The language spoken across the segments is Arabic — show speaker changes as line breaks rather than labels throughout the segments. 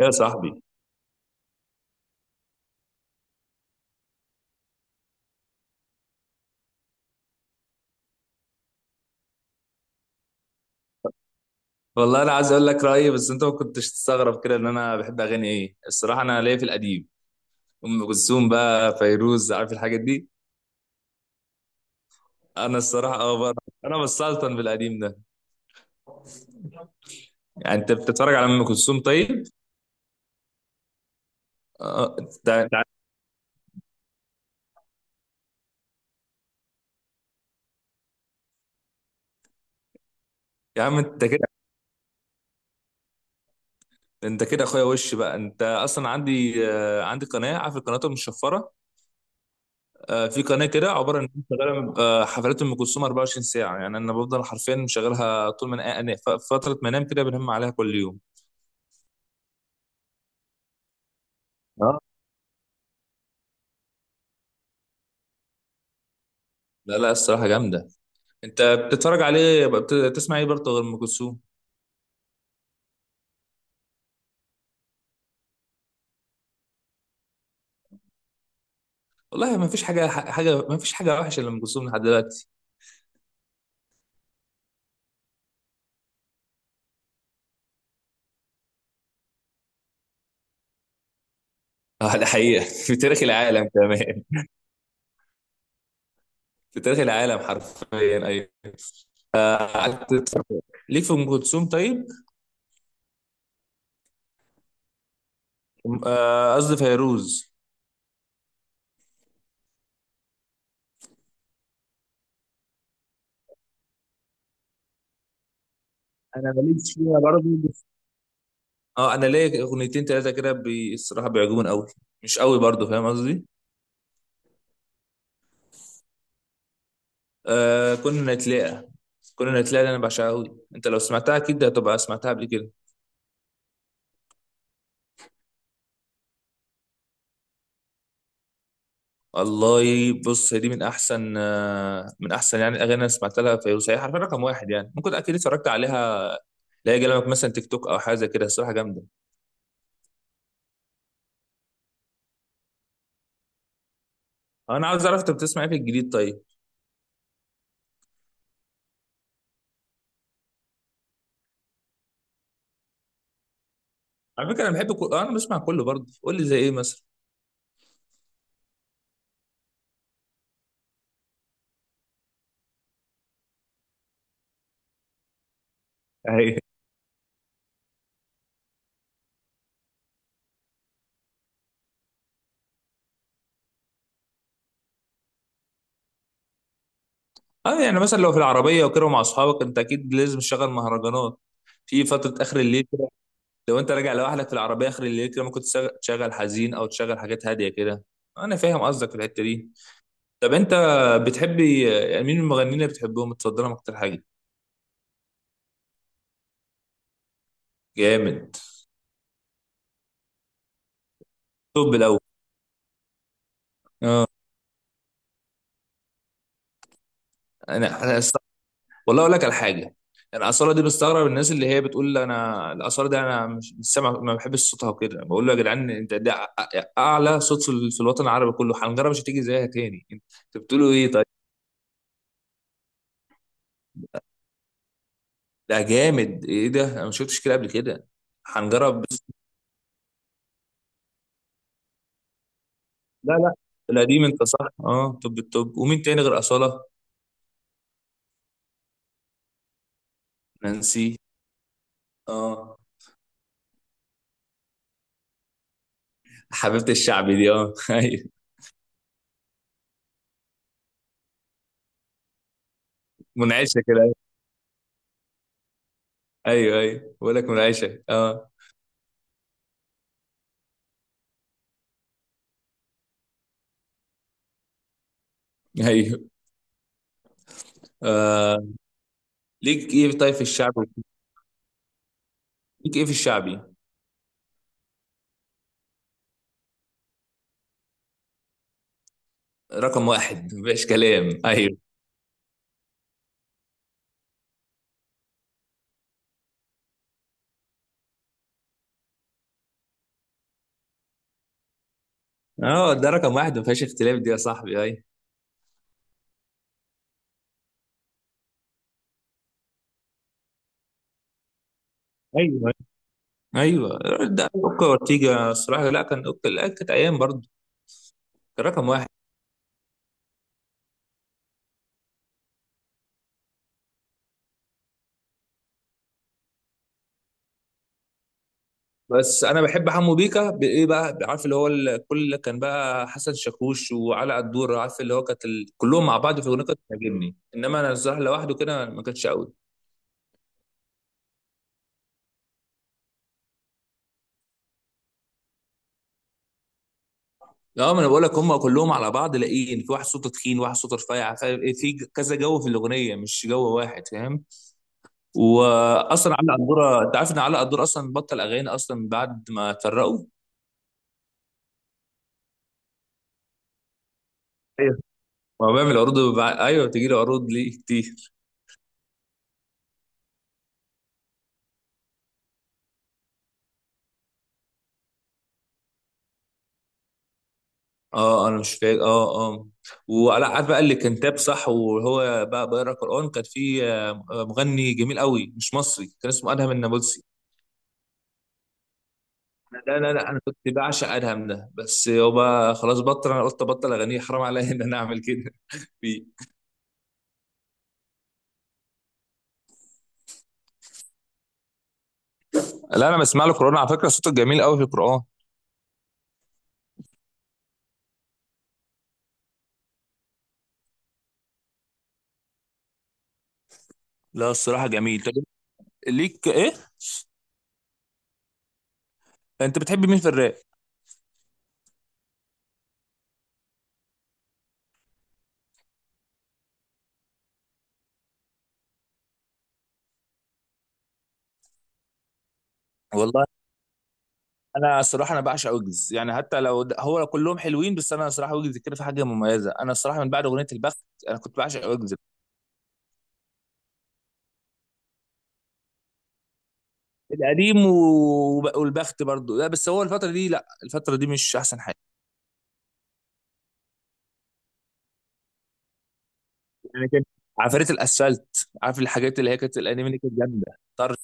يا صاحبي، والله انا عايز اقول لك رايي، بس انت ما كنتش تستغرب كده ان انا بحب اغاني ايه الصراحه. انا ليا في القديم ام كلثوم، بقى فيروز، عارف الحاجات دي. انا الصراحه اه بقى، انا بسلطن بالقديم ده. يعني انت بتتفرج على ام كلثوم طيب؟ آه، انت أنت- يا عم انت كده، انت كده اخويا، وش بقى انت اصلا، عندي عندي قناه، عارف القنوات المشفره. في قناه كده عباره ان انت شغاله حفلات ام كلثوم 24 ساعه، يعني انا بفضل حرفيا مشغلها طول ما فتره ما انام كده بنهم عليها كل يوم. لا لا الصراحة جامدة. انت بتتفرج عليه، بتسمع ايه برضه غير ام كلثوم؟ والله ما فيش حاجة، ما فيش حاجة وحشة لأم كلثوم لحد دلوقتي. اه ده حقيقة في تاريخ العالم كمان، في تاريخ العالم حرفيا ايوه. قعدت تتفرج ليك في ام كلثوم طيب؟ قصدي فيروز. انا ماليش فيها برضه. اه انا ليا اغنيتين ثلاثه كده الصراحه بيعجبوني قوي، مش قوي برضه، فاهم قصدي؟ كنا نتلاقى، كنا نتلاقى، اللي انا بعشقها قوي، انت لو سمعتها اكيد هتبقى سمعتها قبل كده. والله بص، هي دي من احسن من احسن يعني الاغاني اللي أنا سمعت لها فيروز، هي حرفيا رقم واحد، يعني ممكن اكيد اتفرجت عليها، لا يجي لك مثلا تيك توك او حاجه زي كده، الصراحه جامده. انا عاوز اعرف انت بتسمع ايه في الجديد طيب؟ على فكره انا بحب كل... آه، انا بسمع كله برضه، قول لي زي ايه مثلا. أيوة. اه يعني مثلا لو في العربيه وكده ومع اصحابك، انت اكيد لازم تشغل مهرجانات. في فتره اخر الليل كده، لو انت راجع لوحدك في العربيه اخر الليل كده، ممكن تشغل حزين، او تشغل حاجات هاديه كده. انا فاهم قصدك في الحته دي. طب انت، بتحبي يعني مين المغنيين اللي بتحبهم متصدرهم اكتر حاجه؟ جامد. طب الاول، انا انا است- والله اقول لك على حاجه. انا اصاله دي بستغرب الناس اللي هي بتقول انا الاصاله ده، انا مش سامع، ما بحبش صوتها وكده، بقول له يا جدعان انت ده اعلى صوت في في الوطن العربي كله، حنجره مش هتيجي زيها تاني. انت بتقولوا ايه طيب؟ ده جامد، ايه ده، انا ما شفتش كده قبل كده. حنجره بس. لا لا القديم انت صح. اه طب ومين تاني غير اصاله؟ نانسي اه. حبيبه الشعب دي اه منعشه كده. ايوه ايوه بقول لك منعشه اه، ايوه. آه. ليك ايه طيب في الشعبي؟ ليك ايه في الشعبي؟ رقم واحد مفيش كلام ايوه. اه ده رقم واحد ما فيهاش اختلاف دي يا صاحبي، ايوه. ايوه ايوه، ده اوكا اورتيجا الصراحه، لا كان اوكا، لا كانت ايام برضه، كان رقم واحد. بس انا بحب حمو بيكا بايه بقى، عارف اللي هو الكل كان بقى حسن شاكوش وعلاء الدور، عارف اللي هو كانت كلهم مع بعض في الاغنيه كانت بتعجبني، انما انا الصراحه لوحده كده ما كانتش قوي. اه، ما انا بقول لك هم كلهم على بعض لاقيين، في واحد صوته تخين واحد صوته رفيع، في كذا جو في الاغنيه مش جو واحد فاهم. واصلا علي قدوره، انت عارف ان علي قدوره اصلا بطل اغاني اصلا بعد ما اتفرقوا؟ ايوه، هو بيعمل عروض ايوه بتجي له عروض ليه كتير. اه انا مش فاكر، اه اه. وعلى عارف بقى اللي كان تاب صح وهو بقى بيقرا قران، كان في مغني جميل قوي مش مصري كان اسمه ادهم النابلسي. لا لا لا انا كنت بعشق ادهم ده، بس يابا خلاص بطل، انا قلت ابطل اغنيه، حرام عليا ان انا اعمل كده. فيه. لا انا بسمع له قران على فكره، صوته جميل قوي في القران. لا الصراحه جميل. طب ليك ايه، انت بتحب مين في الراب؟ والله انا الصراحه انا بعشق ويجز، يعني حتى لو هو كلهم حلوين، بس انا الصراحه ويجز كده في حاجه مميزه، انا الصراحه من بعد اغنيه البخت انا كنت بعشق ويجز. القديم والبخت برضو، لا بس هو الفتره دي، لا الفتره دي مش احسن حاجه. يعني كان عفاريت الاسفلت، عارف الحاجات اللي هي كانت الانمي اللي كانت جامده طرش.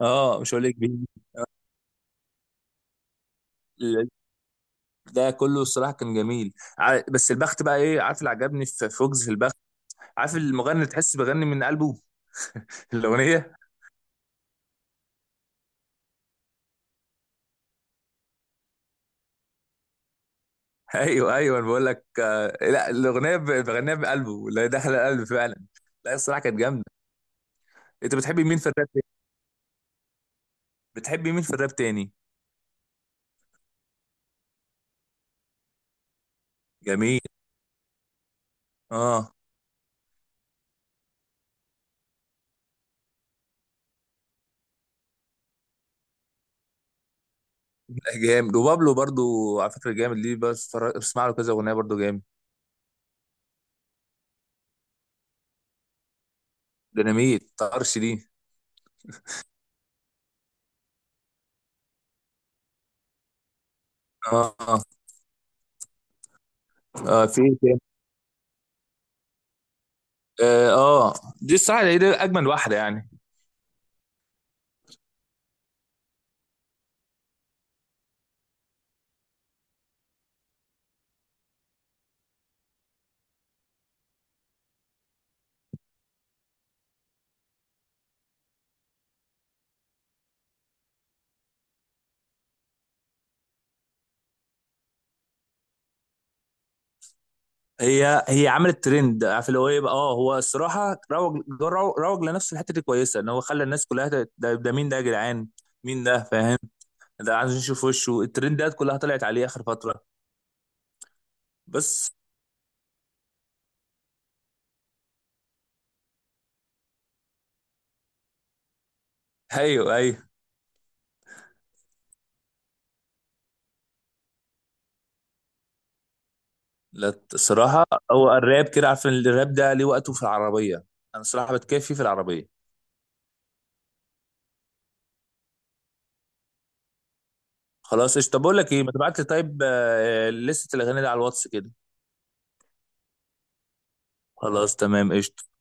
اه مش هقول لك مين. ال- ده كله الصراحه كان جميل بس البخت بقى ايه، عارف اللي عجبني في فوكس في وجز البخت، عارف المغني اللي تحس بغني من قلبه الاغنيه؟ ايوه ايوه انا بقول لك، لا الاغنيه بغنيها بقلبه اللي هي داخله القلب فعلا، لا الصراحه كانت جامده. انت بتحبي مين في الراب تاني؟ بتحبي مين في الراب تاني؟ جميل اه. لا، جامد وبابلو برضو، على فكره جامد ليه، بس بسمع له كذا اغنيه برضو جامد. ديناميت طرش دي اه، اه في إيه تاني؟ اه. آه، دي الصراحه هي دي اجمل واحده يعني. هي عملت ترند، عارف اللي هو ايه بقى، اه هو الصراحه روج روج روج لنفسه، الحته دي كويسه ان هو خلى الناس كلها ده مين ده يا جدعان، مين ده فاهم، ده عايز نشوف وشه، الترندات كلها طلعت عليه اخر فتره. بس ايوه ايوه، لا الصراحه هو الراب كده، عارف إن الراب ده ليه وقته في العربيه، انا الصراحه بتكفي في العربيه. خلاص قشطه. طب بقول لك ايه، ما تبعت لي طيب لسته الاغاني دي على الواتس كده. خلاص تمام قشطه.